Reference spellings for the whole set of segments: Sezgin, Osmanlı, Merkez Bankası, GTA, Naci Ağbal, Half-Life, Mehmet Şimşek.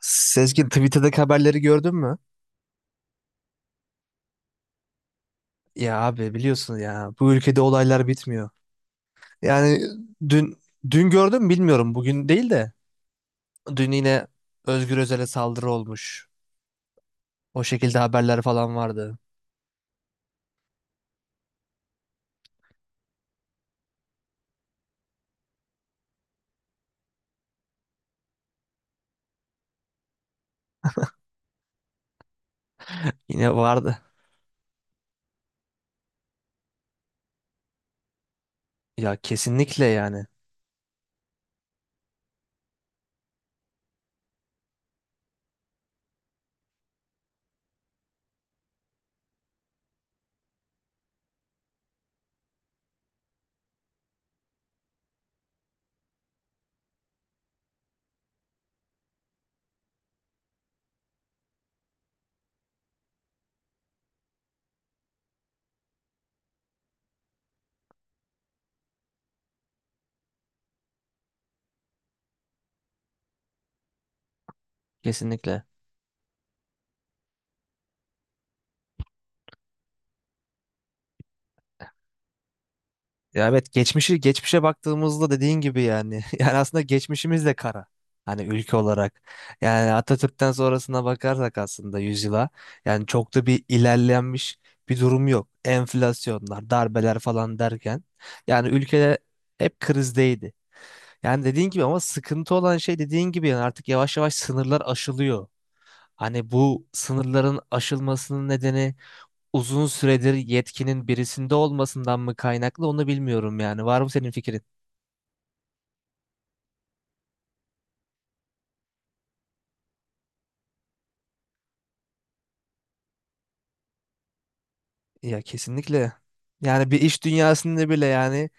Sezgin Twitter'daki haberleri gördün mü? Ya abi biliyorsun ya bu ülkede olaylar bitmiyor. Yani dün dün gördüm bilmiyorum bugün değil de dün yine Özgür Özel'e saldırı olmuş. O şekilde haberler falan vardı. Yine vardı. Ya kesinlikle yani kesinlikle. Ya evet geçmişe baktığımızda dediğin gibi yani yani aslında geçmişimiz de kara. Hani ülke olarak yani Atatürk'ten sonrasına bakarsak aslında yüzyıla yani çok da bir ilerlenmiş bir durum yok. Enflasyonlar, darbeler falan derken yani ülke hep krizdeydi. Yani dediğin gibi ama sıkıntı olan şey dediğin gibi yani artık yavaş yavaş sınırlar aşılıyor. Hani bu sınırların aşılmasının nedeni uzun süredir yetkinin birisinde olmasından mı kaynaklı onu bilmiyorum yani. Var mı senin fikrin? Ya kesinlikle. Yani bir iş dünyasında bile yani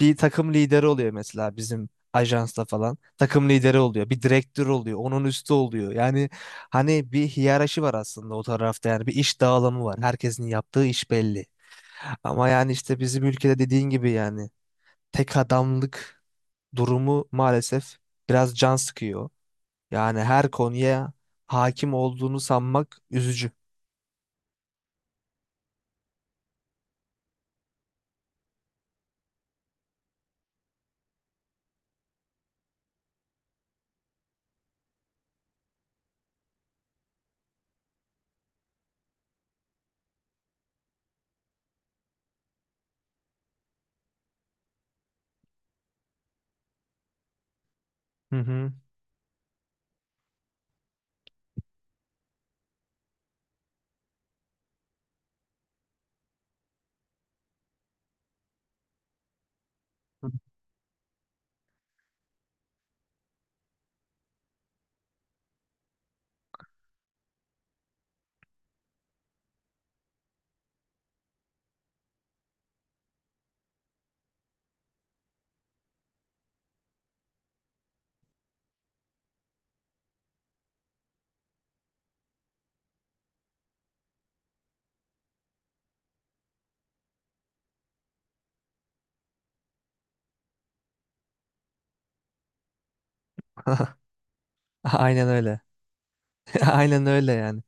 bir takım lideri oluyor mesela bizim ajansta falan. Takım lideri oluyor. Bir direktör oluyor. Onun üstü oluyor. Yani hani bir hiyerarşi var aslında o tarafta. Yani bir iş dağılımı var. Herkesin yaptığı iş belli. Ama yani işte bizim ülkede dediğin gibi yani tek adamlık durumu maalesef biraz can sıkıyor. Yani her konuya hakim olduğunu sanmak üzücü. Hı hı. Aynen öyle. Aynen öyle yani.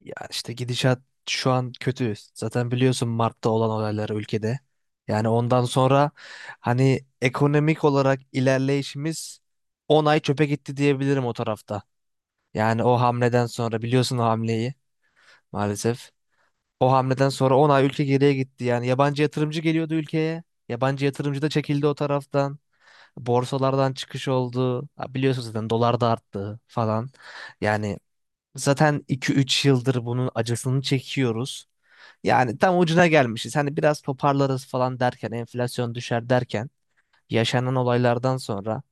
Ya işte gidişat şu an kötü. Zaten biliyorsun Mart'ta olan olaylar ülkede. Yani ondan sonra hani ekonomik olarak ilerleyişimiz 10 ay çöpe gitti diyebilirim o tarafta. Yani o hamleden sonra biliyorsun o hamleyi maalesef. O hamleden sonra 10 ay ülke geriye gitti. Yani yabancı yatırımcı geliyordu ülkeye. Yabancı yatırımcı da çekildi o taraftan. Borsalardan çıkış oldu. Ha, biliyorsunuz zaten dolar da arttı falan. Yani zaten iki üç yıldır bunun acısını çekiyoruz. Yani tam ucuna gelmişiz. Hani biraz toparlarız falan derken, enflasyon düşer derken yaşanan olaylardan sonra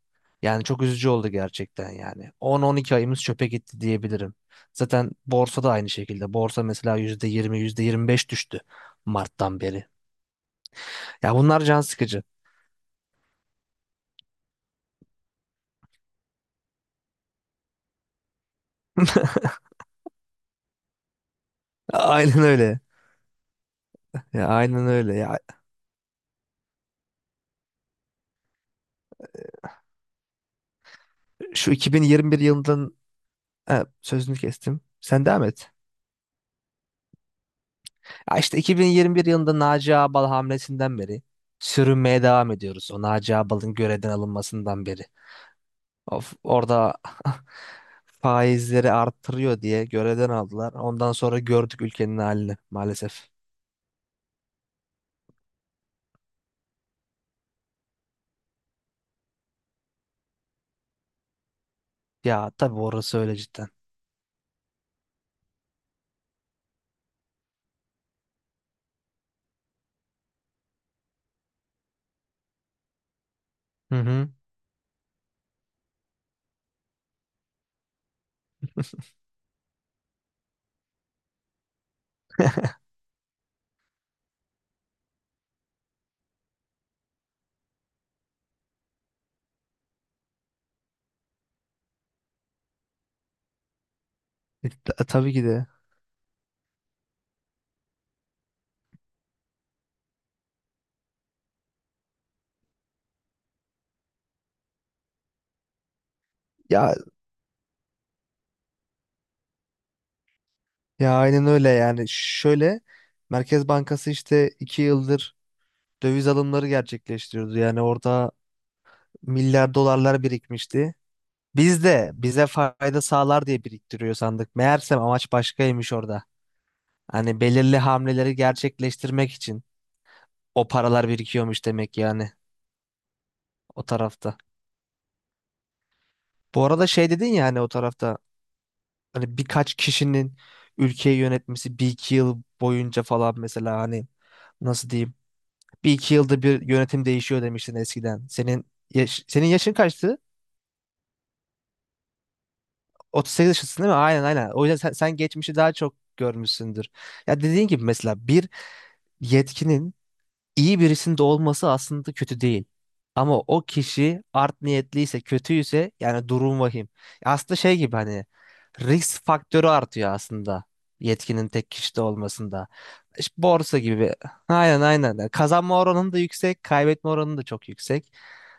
yani çok üzücü oldu gerçekten yani. 10-12 ayımız çöpe gitti diyebilirim. Zaten borsa da aynı şekilde. Borsa mesela %20, %25 düştü Mart'tan beri. Ya bunlar can sıkıcı. Aynen öyle. Ya aynen öyle. Ya şu 2021 yılından... Ha, sözünü kestim. Sen devam et. Ya işte 2021 yılında Naci Ağbal hamlesinden beri sürünmeye devam ediyoruz. O Naci Ağbal'ın görevden alınmasından beri. Of, orada faizleri arttırıyor diye görevden aldılar. Ondan sonra gördük ülkenin halini maalesef. Ya tabii orası öyle cidden. Hı hı. Tabii ki de. Ya ya aynen öyle yani. Şöyle Merkez Bankası işte iki yıldır döviz alımları gerçekleştiriyordu. Yani orada milyar dolarlar birikmişti. Biz de bize fayda sağlar diye biriktiriyor sandık. Meğersem amaç başkaymış orada. Hani belirli hamleleri gerçekleştirmek için o paralar birikiyormuş demek yani o tarafta. Bu arada şey dedin ya hani o tarafta hani birkaç kişinin ülkeyi yönetmesi bir iki yıl boyunca falan mesela hani nasıl diyeyim bir iki yılda bir yönetim değişiyor demiştin eskiden. Senin yaşın kaçtı? 38 yaşındasın değil mi? Aynen aynen. O yüzden sen geçmişi daha çok görmüşsündür. Ya dediğin gibi mesela bir yetkinin iyi birisinde olması aslında kötü değil. Ama o kişi art niyetliyse, kötüyse yani durum vahim. Aslında şey gibi hani risk faktörü artıyor aslında yetkinin tek kişide olmasında. İşte borsa gibi. Aynen aynen. Yani kazanma oranın da yüksek, kaybetme oranı da çok yüksek.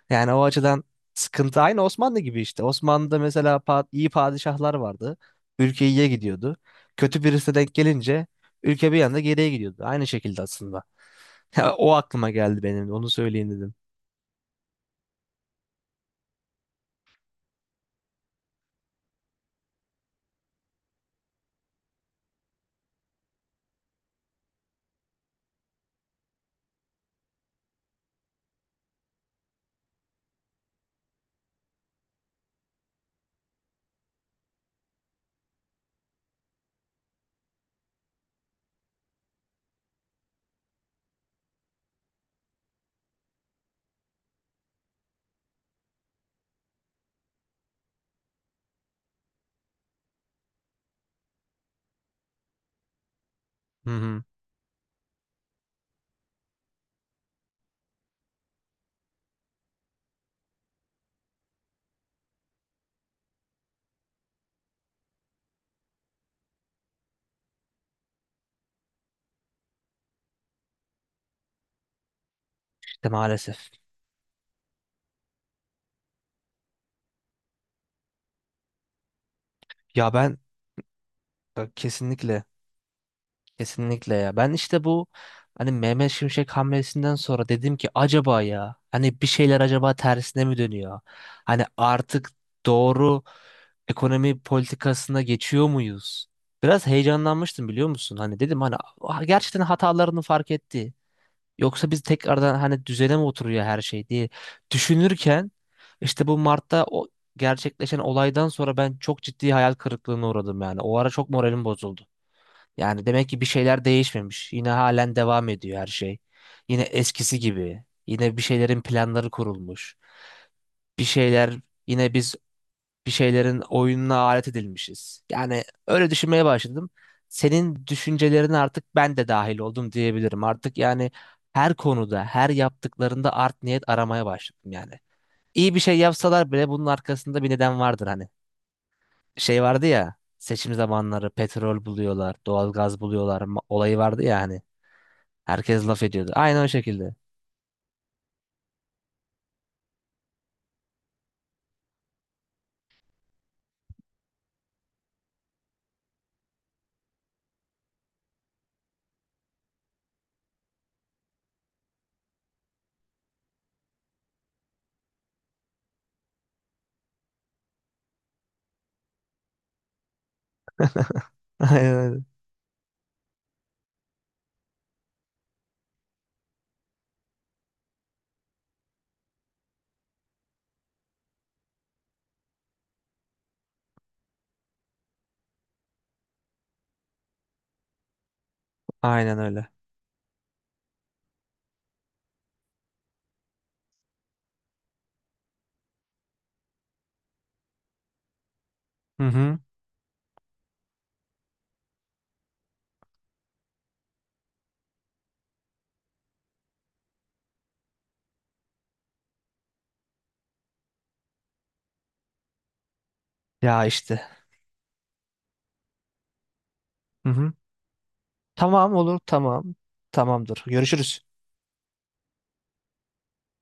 Yani o açıdan sıkıntı aynı Osmanlı gibi işte. Osmanlı'da mesela iyi padişahlar vardı. Ülke iyiye gidiyordu. Kötü birisine denk gelince ülke bir anda geriye gidiyordu. Aynı şekilde aslında. Ya, o aklıma geldi benim de. Onu söyleyeyim dedim. Hı hı. İşte maalesef. Ya ben bak, kesinlikle kesinlikle ya. Ben işte bu hani Mehmet Şimşek hamlesinden sonra dedim ki acaba ya hani bir şeyler acaba tersine mi dönüyor? Hani artık doğru ekonomi politikasına geçiyor muyuz? Biraz heyecanlanmıştım biliyor musun? Hani dedim hani "Ah, gerçekten hatalarını fark etti. Yoksa biz tekrardan hani düzene mi oturuyor her şey?" diye düşünürken işte bu Mart'ta o gerçekleşen olaydan sonra ben çok ciddi hayal kırıklığına uğradım yani. O ara çok moralim bozuldu. Yani demek ki bir şeyler değişmemiş. Yine halen devam ediyor her şey. Yine eskisi gibi. Yine bir şeylerin planları kurulmuş. Bir şeyler yine biz bir şeylerin oyununa alet edilmişiz. Yani öyle düşünmeye başladım. Senin düşüncelerine artık ben de dahil oldum diyebilirim. Artık yani her konuda, her yaptıklarında art niyet aramaya başladım yani. İyi bir şey yapsalar bile bunun arkasında bir neden vardır hani. Şey vardı ya, seçim zamanları petrol buluyorlar, doğalgaz buluyorlar olayı vardı ya hani. Herkes laf ediyordu. Aynen o şekilde. Aynen öyle. Aynen öyle. Hı hı. Ya işte. Hı hı. Tamam olur tamam. Tamamdır. Görüşürüz.